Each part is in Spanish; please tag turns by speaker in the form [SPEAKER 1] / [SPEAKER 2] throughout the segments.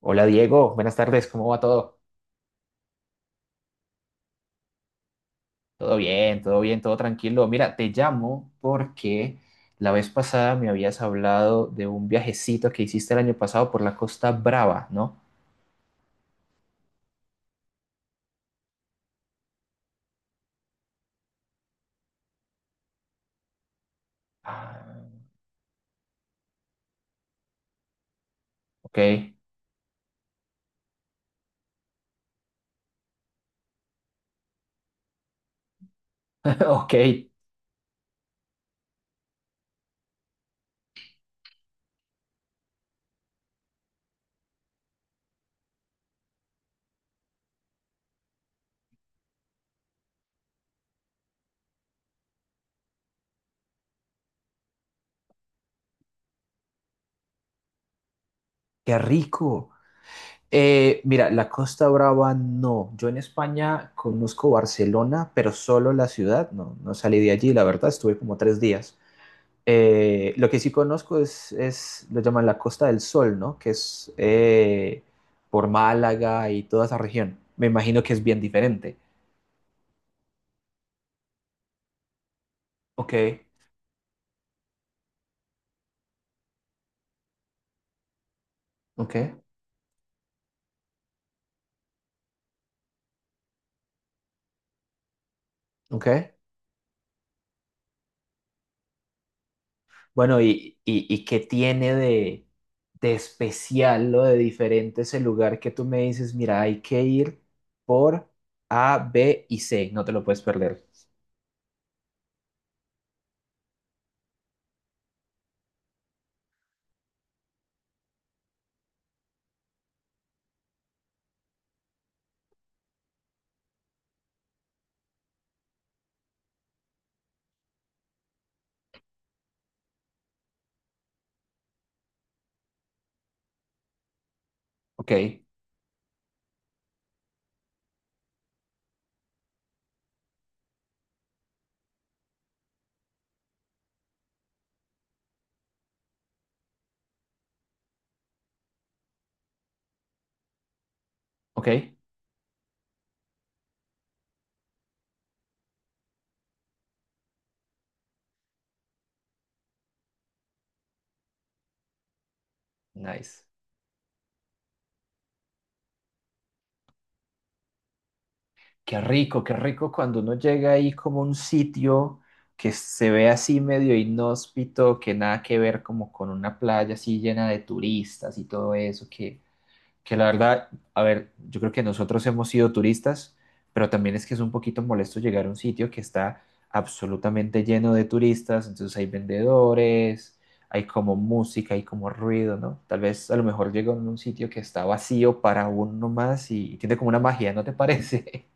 [SPEAKER 1] Hola Diego, buenas tardes, ¿cómo va todo? Todo bien, todo bien, todo tranquilo. Mira, te llamo porque la vez pasada me habías hablado de un viajecito que hiciste el año pasado por la Costa Brava, ¿no? Ah, ok, ok, qué rico. Mira, la Costa Brava no. Yo en España conozco Barcelona, pero solo la ciudad, no, no salí de allí, la verdad, estuve como 3 días. Lo que sí conozco es, lo llaman la Costa del Sol, ¿no? Que es por Málaga y toda esa región. Me imagino que es bien diferente. Ok, ok, ok. Bueno, ¿y qué tiene de especial o de diferente ese lugar que tú me dices, mira, hay que ir por A, B y C, no te lo puedes perder? Ok, ok, nice. Qué rico cuando uno llega ahí como a un sitio que se ve así medio inhóspito, que nada que ver como con una playa así llena de turistas y todo eso, que la verdad, a ver, yo creo que nosotros hemos sido turistas, pero también es que es un poquito molesto llegar a un sitio que está absolutamente lleno de turistas, entonces hay vendedores, hay como música, hay como ruido, ¿no? Tal vez a lo mejor llega a un sitio que está vacío para uno más y tiene como una magia, ¿no te parece?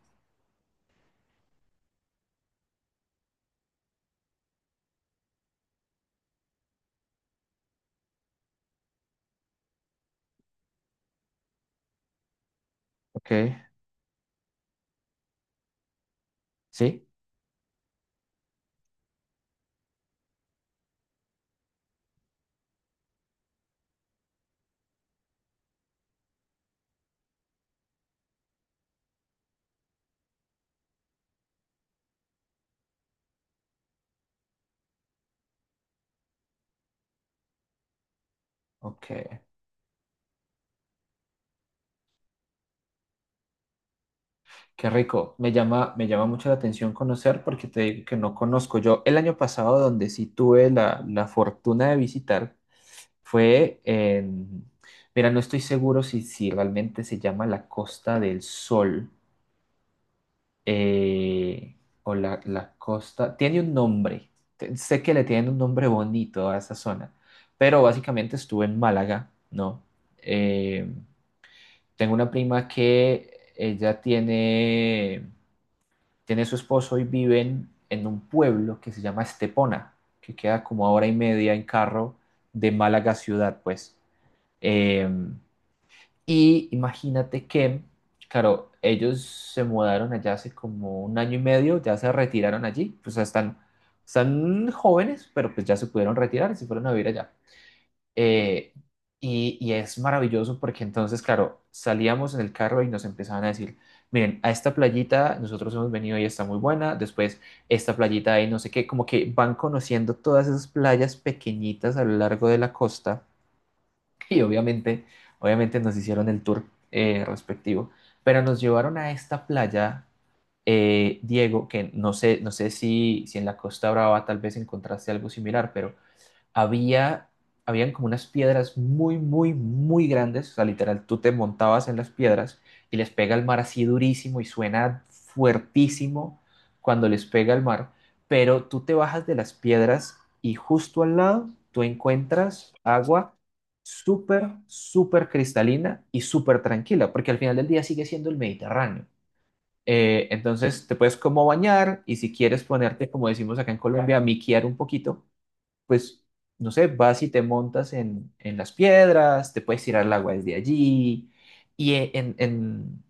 [SPEAKER 1] Ok, sí, ok, qué rico. Me llama mucho la atención conocer porque te digo que no conozco. Yo el año pasado donde sí tuve la fortuna de visitar fue en, mira, no estoy seguro si, realmente se llama la Costa del Sol eh, o la Costa, tiene un nombre, sé que le tienen un nombre bonito a esa zona, pero básicamente estuve en Málaga, ¿no? Eh, Tengo una prima que ella tiene, su esposo y viven en un pueblo que se llama Estepona, que queda como a hora y media en carro de Málaga ciudad, pues. Eh, y, imagínate que, claro, ellos se mudaron allá hace como un año y medio, ya se retiraron allí, pues están jóvenes, pero pues ya se pudieron retirar y se fueron a vivir allá. Eh, y es maravilloso porque entonces, claro, salíamos en el carro y nos empezaban a decir, miren, a esta playita nosotros hemos venido y está muy buena, después esta playita ahí no sé qué, como que van conociendo todas esas playas pequeñitas a lo largo de la costa y obviamente, obviamente nos hicieron el tour respectivo, pero nos llevaron a esta playa, Diego, que no sé si en la Costa Brava tal vez encontraste algo similar, pero había, habían como unas piedras muy, muy, muy grandes, o sea, literal, tú te montabas en las piedras y les pega el mar así durísimo y suena fuertísimo cuando les pega el mar, pero tú te bajas de las piedras y justo al lado tú encuentras agua súper, súper cristalina y súper tranquila, porque al final del día sigue siendo el Mediterráneo. Entonces te puedes como bañar y si quieres ponerte, como decimos acá en Colombia, a miquear un poquito, pues, no sé, vas y te montas en, las piedras, te puedes tirar al agua desde allí, y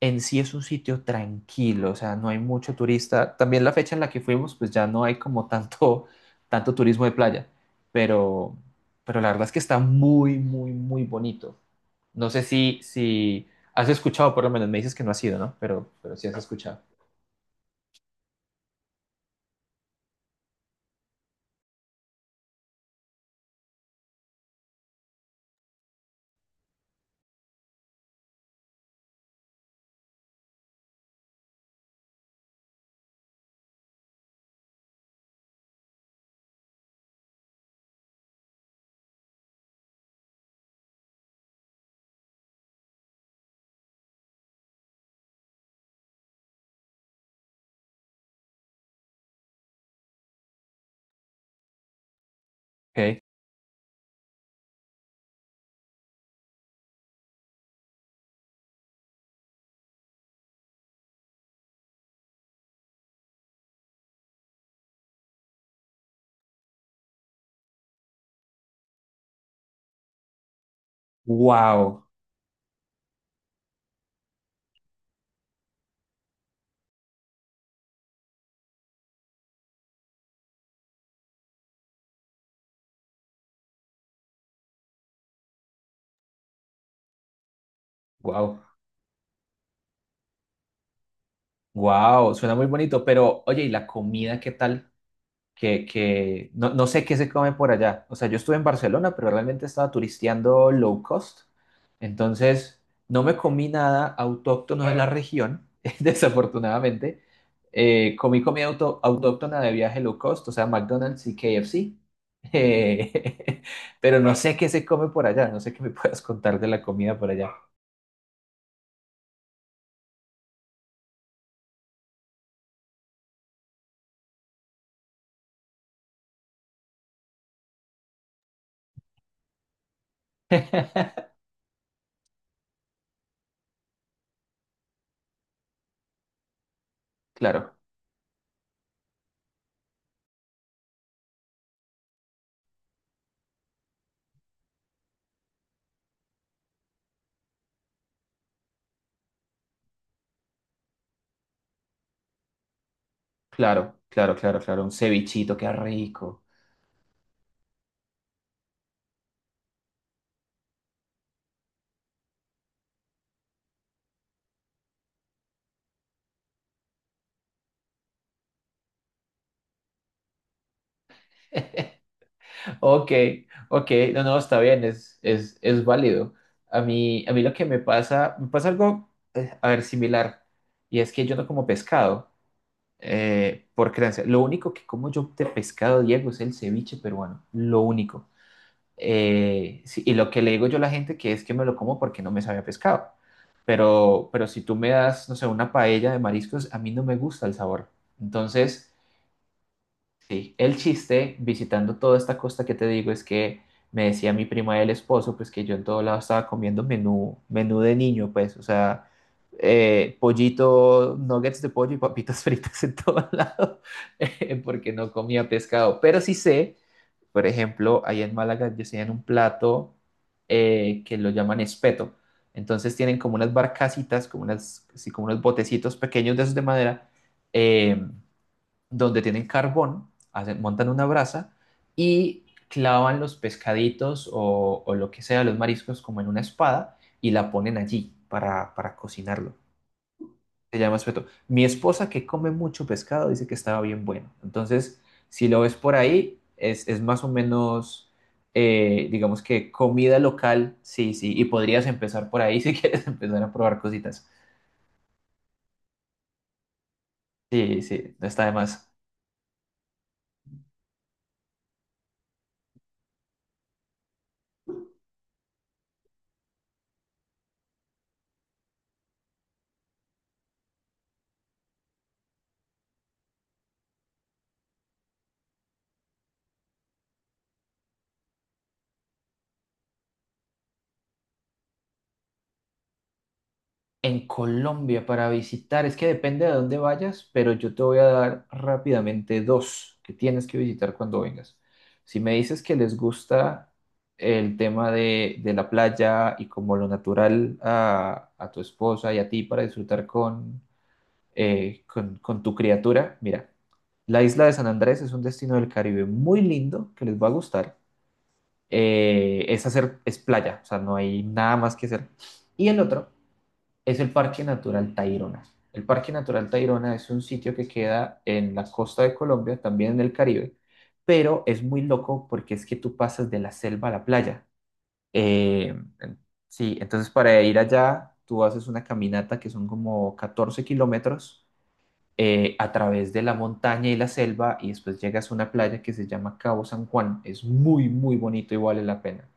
[SPEAKER 1] en sí es un sitio tranquilo, o sea, no hay mucho turista. También la fecha en la que fuimos, pues ya no hay como tanto, tanto turismo de playa, pero, pero la verdad es que está muy, muy, muy bonito. No sé si has escuchado, por lo menos me dices que no has ido, ¿no? Pero sí has escuchado. Ok. Wow, wow, wow, suena muy bonito, pero oye, ¿y la comida qué tal? Que no, no sé qué se come por allá. O sea, yo estuve en Barcelona, pero realmente estaba turisteando low cost. Entonces, no me comí nada autóctono de la región, desafortunadamente. Comí comida autóctona de viaje low cost, o sea, McDonald's y KFC. Eh, pero no sé qué se come por allá, no sé qué me puedas contar de la comida por allá. Claro, claro, claro, claro, claro, un cevichito, qué rico. Ok, ok, no, no, está bien, es válido. A mí lo que me pasa algo, a ver, similar, y es que yo no como pescado, por creencia. Lo único que como yo de pescado, Diego, es el ceviche peruano, lo único. Sí, y lo que le digo yo a la gente que es que me lo como porque no me sabe a pescado. Pero si tú me das, no sé, una paella de mariscos, a mí no me gusta el sabor. Entonces... Sí, el chiste visitando toda esta costa que te digo es que me decía mi prima del esposo, pues que yo en todo lado estaba comiendo menú, de niño, pues, o sea, pollito, nuggets de pollo y papitas fritas en todo lado, porque no comía pescado. Pero sí sé, por ejemplo, ahí en Málaga yo sé en un plato que lo llaman espeto. Entonces tienen como unas barcasitas, como unas, sí, como unos botecitos pequeños de esos de madera. eh, donde tienen carbón, montan una brasa y clavan los pescaditos o, lo que sea, los mariscos, como en una espada y la ponen allí para cocinarlo. Se llama espeto. Mi esposa, que come mucho pescado, dice que estaba bien bueno. Entonces, si lo ves por ahí, es más o menos, digamos que comida local, sí, sí, y podrías empezar por ahí si quieres empezar a probar cositas. Sí, sí, no está de más. En Colombia para visitar, es que depende de dónde vayas, pero yo te voy a dar rápidamente dos que tienes que visitar cuando vengas. Si me dices que les gusta el tema de, la playa y como lo natural a tu esposa y a ti para disfrutar con tu criatura, mira, la isla de San Andrés es un destino del Caribe muy lindo que les va a gustar. Es playa, o sea, no hay nada más que hacer. Y el otro es el Parque Natural Tayrona. El Parque Natural Tayrona es un sitio que queda en la costa de Colombia, también en el Caribe, pero es muy loco porque es que tú pasas de la selva a la playa. Eh, sí, entonces para ir allá tú haces una caminata que son como 14 kilómetros a través de la montaña y la selva y después llegas a una playa que se llama Cabo San Juan. Es muy, muy bonito y vale la pena.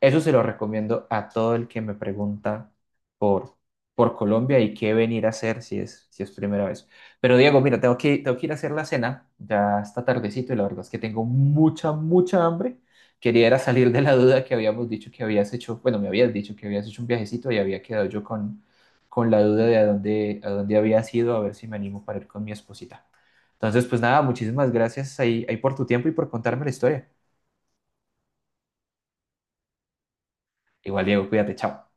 [SPEAKER 1] Eso se lo recomiendo a todo el que me pregunta por, por Colombia y qué venir a hacer si es primera vez. Pero Diego, mira, tengo que ir a hacer la cena, ya está tardecito y la verdad es que tengo mucha, mucha hambre. Quería era salir de la duda que habíamos dicho que habías hecho, bueno, me habías dicho que habías hecho un viajecito y había quedado yo con la duda de a dónde había sido, a ver si me animo para ir con mi esposita. Entonces, pues nada, muchísimas gracias ahí por tu tiempo y por contarme la historia. Igual, Diego, cuídate, chao.